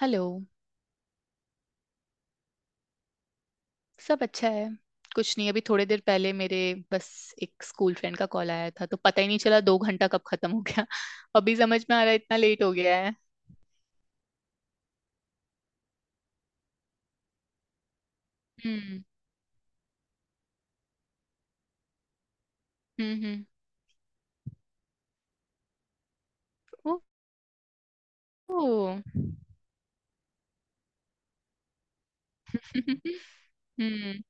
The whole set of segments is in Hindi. हेलो। सब अच्छा है। कुछ नहीं, अभी थोड़ी देर पहले मेरे बस एक स्कूल फ्रेंड का कॉल आया था, तो पता ही नहीं चला 2 घंटा कब खत्म हो गया। अभी समझ में आ रहा है इतना लेट हो गया है। हम्म। हम्म। हम्म। ओह। हम्म।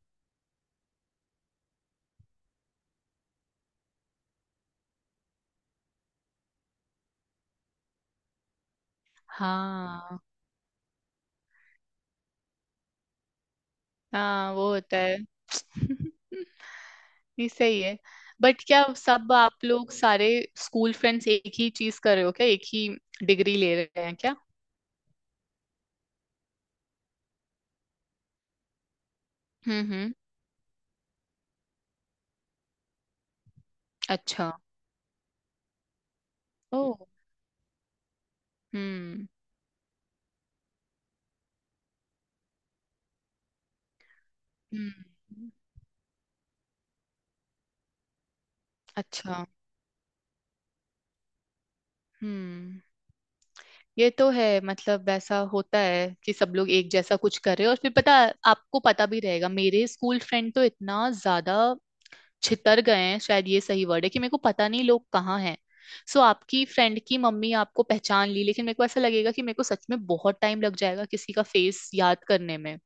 हाँ, हाँ वो होता है। ये सही है। बट क्या सब आप लोग सारे स्कूल फ्रेंड्स एक ही चीज कर रहे हो क्या? एक ही डिग्री ले रहे हैं क्या? हम्म। अच्छा। ओह। हम्म। हम्म। अच्छा। हम्म। ये तो है, मतलब वैसा होता है कि सब लोग एक जैसा कुछ कर रहे हो, और फिर पता आपको पता भी रहेगा। मेरे स्कूल फ्रेंड तो इतना ज्यादा छितर गए हैं, शायद ये सही वर्ड है, कि मेरे को पता नहीं लोग कहाँ हैं। सो आपकी फ्रेंड की मम्मी आपको पहचान ली, लेकिन मेरे को ऐसा लगेगा कि मेरे को सच में बहुत टाइम लग जाएगा किसी का फेस याद करने में,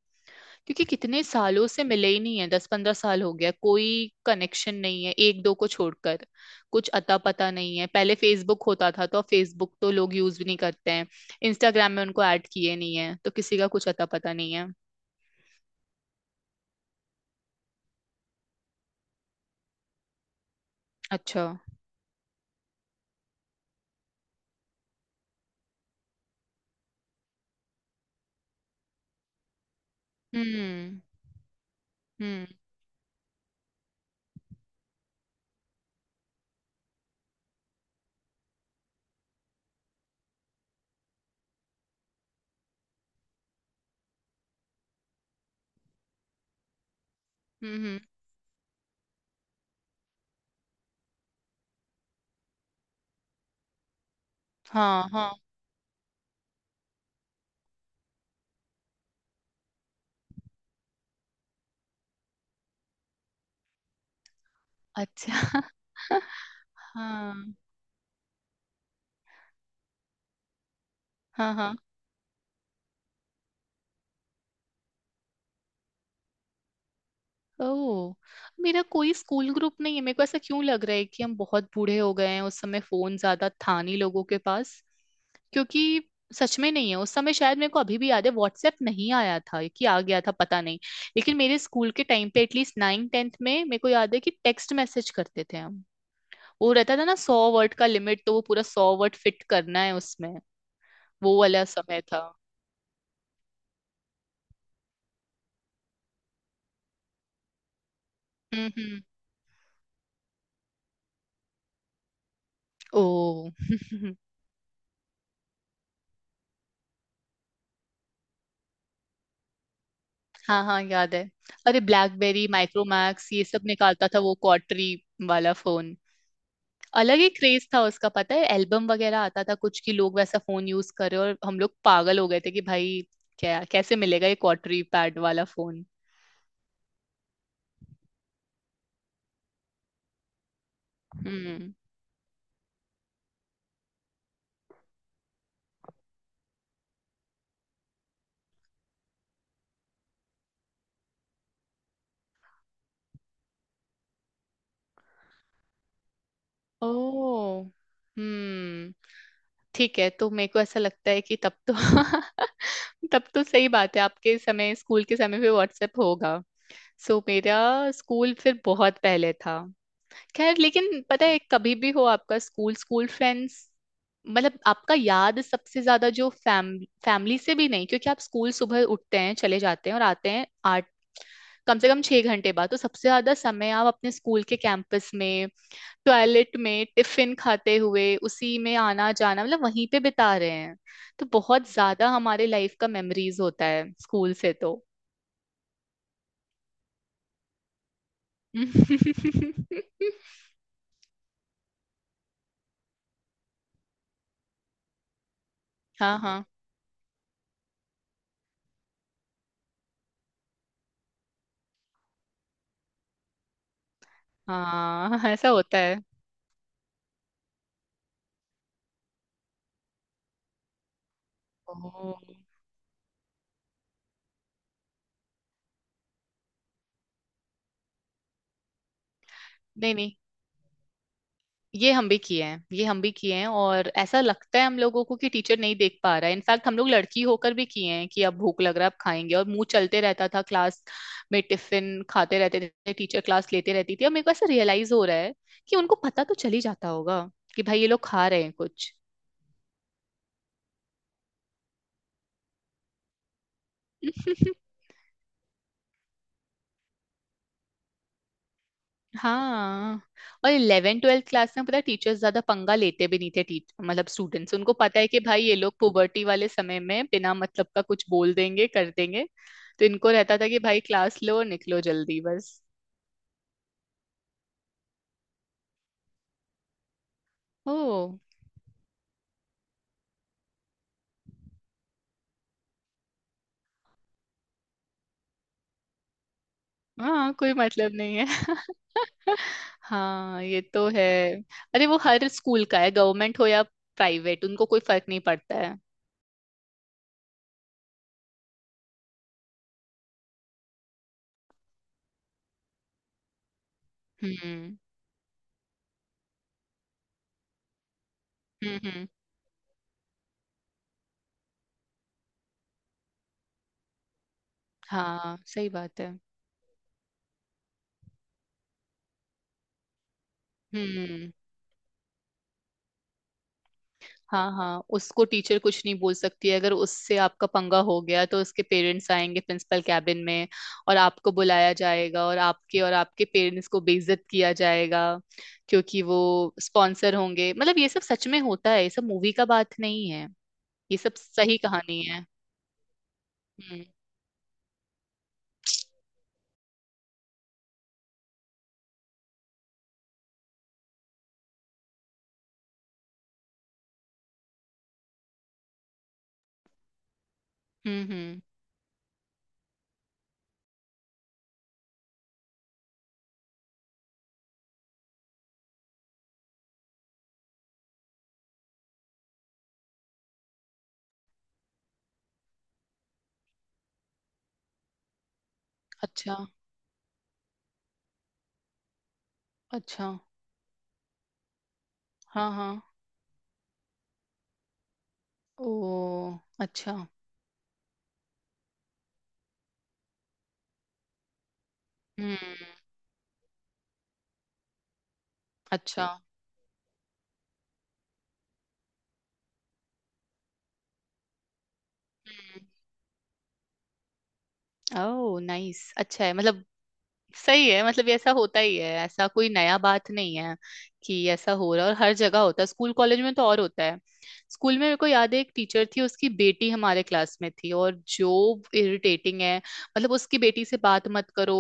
क्योंकि कितने सालों से मिले ही नहीं है, 10-15 साल हो गया। कोई कनेक्शन नहीं है, एक दो को छोड़कर कुछ अता पता नहीं है। पहले फेसबुक होता था, तो फेसबुक तो लोग यूज भी नहीं करते हैं। इंस्टाग्राम में उनको ऐड किए नहीं है, तो किसी का कुछ अता पता नहीं है। अच्छा। हम्म हम्म। हम्म हम्म, हाँ हाँ। अच्छा। हाँ हाँ हाँ। ओह। मेरा कोई स्कूल ग्रुप नहीं है। मेरे को ऐसा क्यों लग रहा है कि हम बहुत बूढ़े हो गए हैं? उस समय फोन ज्यादा था नहीं लोगों के पास, क्योंकि सच में नहीं है। उस समय शायद, मेरे को अभी भी याद है, व्हाट्सएप नहीं आया था कि आ गया था पता नहीं। लेकिन मेरे स्कूल के टाइम पे एटलीस्ट 9th-10th में मेरे को याद है कि टेक्स्ट मैसेज करते थे हम। वो रहता था ना 100 वर्ड का लिमिट, तो वो पूरा 100 वर्ड फिट करना है उसमें। वो वाला समय था। हम्म। ओ। हाँ हाँ याद है। अरे ब्लैकबेरी, माइक्रोमैक्स, ये सब निकालता था वो क्वार्टरी वाला फोन। अलग ही क्रेज था उसका, पता है एल्बम वगैरह आता था कुछ की लोग वैसा फोन यूज कर रहे हो, और हम लोग पागल हो गए थे कि भाई क्या, कैसे मिलेगा ये क्वार्टरी पैड वाला फोन। हम्म। ओ। हम्म। ठीक है, तो मेरे को ऐसा लगता है कि तब तो तब तो सही बात है आपके समय, स्कूल के समय पे व्हाट्सएप होगा। सो मेरा स्कूल फिर बहुत पहले था। खैर, लेकिन पता है कभी भी हो आपका स्कूल स्कूल फ्रेंड्स मतलब आपका याद सबसे ज्यादा जो फैमिली से भी नहीं, क्योंकि आप स्कूल सुबह उठते हैं चले जाते हैं और आते हैं आठ, कम से कम 6 घंटे बाद, तो सबसे ज्यादा समय आप अपने स्कूल के कैंपस में, टॉयलेट में, टिफिन खाते हुए, उसी में आना जाना, मतलब वहीं पे बिता रहे हैं। तो बहुत ज्यादा हमारे लाइफ का मेमोरीज होता है स्कूल से तो। हाँ हाँ हाँ ऐसा होता है। ओ। नहीं नहीं, ये हम भी किए हैं, ये हम भी किए हैं, और ऐसा लगता है हम लोगों को कि टीचर नहीं देख पा रहा है। इनफैक्ट हम लोग लड़की होकर भी किए हैं कि अब भूख लग रहा है अब खाएंगे, और मुंह चलते रहता था। क्लास में टिफिन खाते रहते थे, टीचर क्लास लेते रहती थी, और मेरे को ऐसा रियलाइज हो रहा है कि उनको पता तो चल ही जाता होगा कि भाई ये लोग खा रहे हैं कुछ। हाँ। और 11th-12th क्लास में पता टीचर्स ज्यादा पंगा लेते भी नहीं थे। टीच मतलब स्टूडेंट्स उनको पता है कि भाई ये लोग पुबर्टी वाले समय में बिना मतलब का कुछ बोल देंगे कर देंगे। तो इनको रहता था कि भाई क्लास लो और निकलो जल्दी बस। ओ। हाँ, कोई मतलब नहीं है। हाँ ये तो है। अरे वो हर स्कूल का है, गवर्नमेंट हो या प्राइवेट, उनको कोई फर्क नहीं पड़ता है। हम्म हम्म। हम्म। हाँ सही बात है। हम्म। हाँ हाँ, उसको टीचर कुछ नहीं बोल सकती है। अगर उससे आपका पंगा हो गया तो उसके पेरेंट्स आएंगे प्रिंसिपल कैबिन में, और आपको बुलाया जाएगा, और आपके पेरेंट्स को बेइज्जत किया जाएगा, क्योंकि वो स्पॉन्सर होंगे। मतलब ये सब सच में होता है, ये सब मूवी का बात नहीं है, ये सब सही कहानी है। हम्म। हम्म। हम्म। अच्छा। अच्छा। हाँ हाँ। ओ। अच्छा। हम्म। अच्छा। हम्म। ओह नाइस, अच्छा है। मतलब सही है, मतलब ये ऐसा होता ही है, ऐसा कोई नया बात नहीं है कि ऐसा हो रहा है, और हर जगह होता है, स्कूल कॉलेज में तो और होता है। स्कूल में मेरे को याद है एक टीचर थी, उसकी बेटी हमारे क्लास में थी, और जो इरिटेटिंग है मतलब उसकी बेटी से बात मत करो,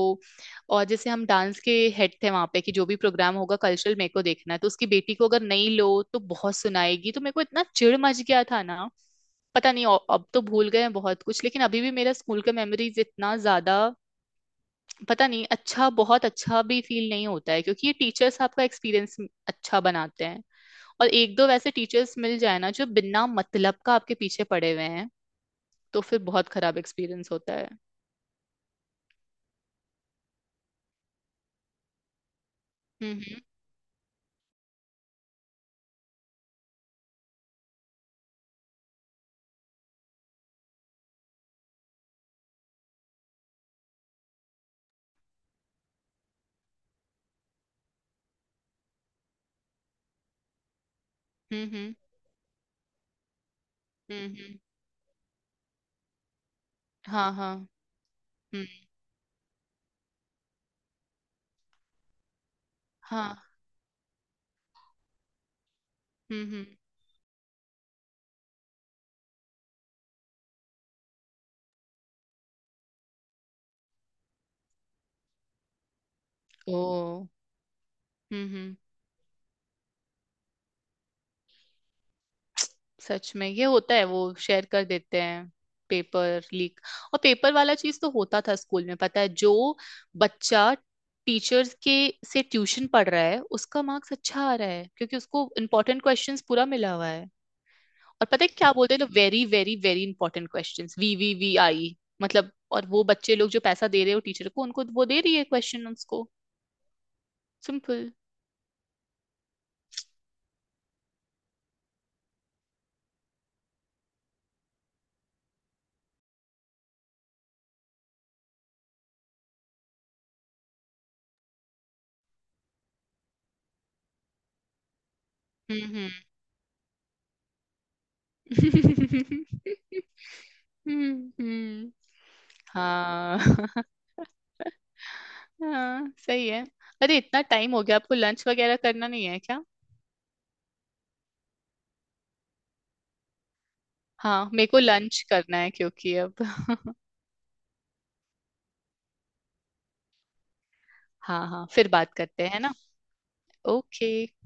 और जैसे हम डांस के हेड थे वहां पे कि जो भी प्रोग्राम होगा कल्चरल मेरे को देखना है, तो उसकी बेटी को अगर नहीं लो तो बहुत सुनाएगी। तो मेरे को इतना चिढ़ मच गया था ना, पता नहीं अब तो भूल गए हैं बहुत कुछ, लेकिन अभी भी मेरा स्कूल का मेमोरीज इतना ज्यादा, पता नहीं। अच्छा, बहुत अच्छा भी फील नहीं होता है, क्योंकि ये टीचर्स आपका एक्सपीरियंस अच्छा बनाते हैं। और एक दो वैसे टीचर्स मिल जाए ना जो बिना मतलब का आपके पीछे पड़े हुए हैं, तो फिर बहुत खराब एक्सपीरियंस होता है। हम्म हम्म। हम्म हम्म, हाँ हाँ। हम्म। हाँ। हम्म। ओ। हम्म। सच में ये होता है, वो शेयर कर देते हैं, पेपर लीक। और पेपर वाला चीज तो होता था स्कूल में पता है, जो बच्चा टीचर्स के से ट्यूशन पढ़ रहा है उसका मार्क्स अच्छा आ रहा है, क्योंकि उसको इंपॉर्टेंट क्वेश्चंस पूरा मिला हुआ है। और पता है क्या बोलते हैं लोग, very very very important questions, VVVI। मतलब और वो बच्चे लोग जो पैसा दे रहे हो टीचर को उनको वो दे रही है क्वेश्चन उसको। सिंपल। हम्म हम्म। हम्म। हाँ। हाँ सही है। अरे इतना टाइम हो गया, आपको लंच वगैरह करना नहीं है क्या? हाँ मेरे को लंच करना है क्योंकि अब। हाँ हाँ फिर बात करते हैं ना। ओके।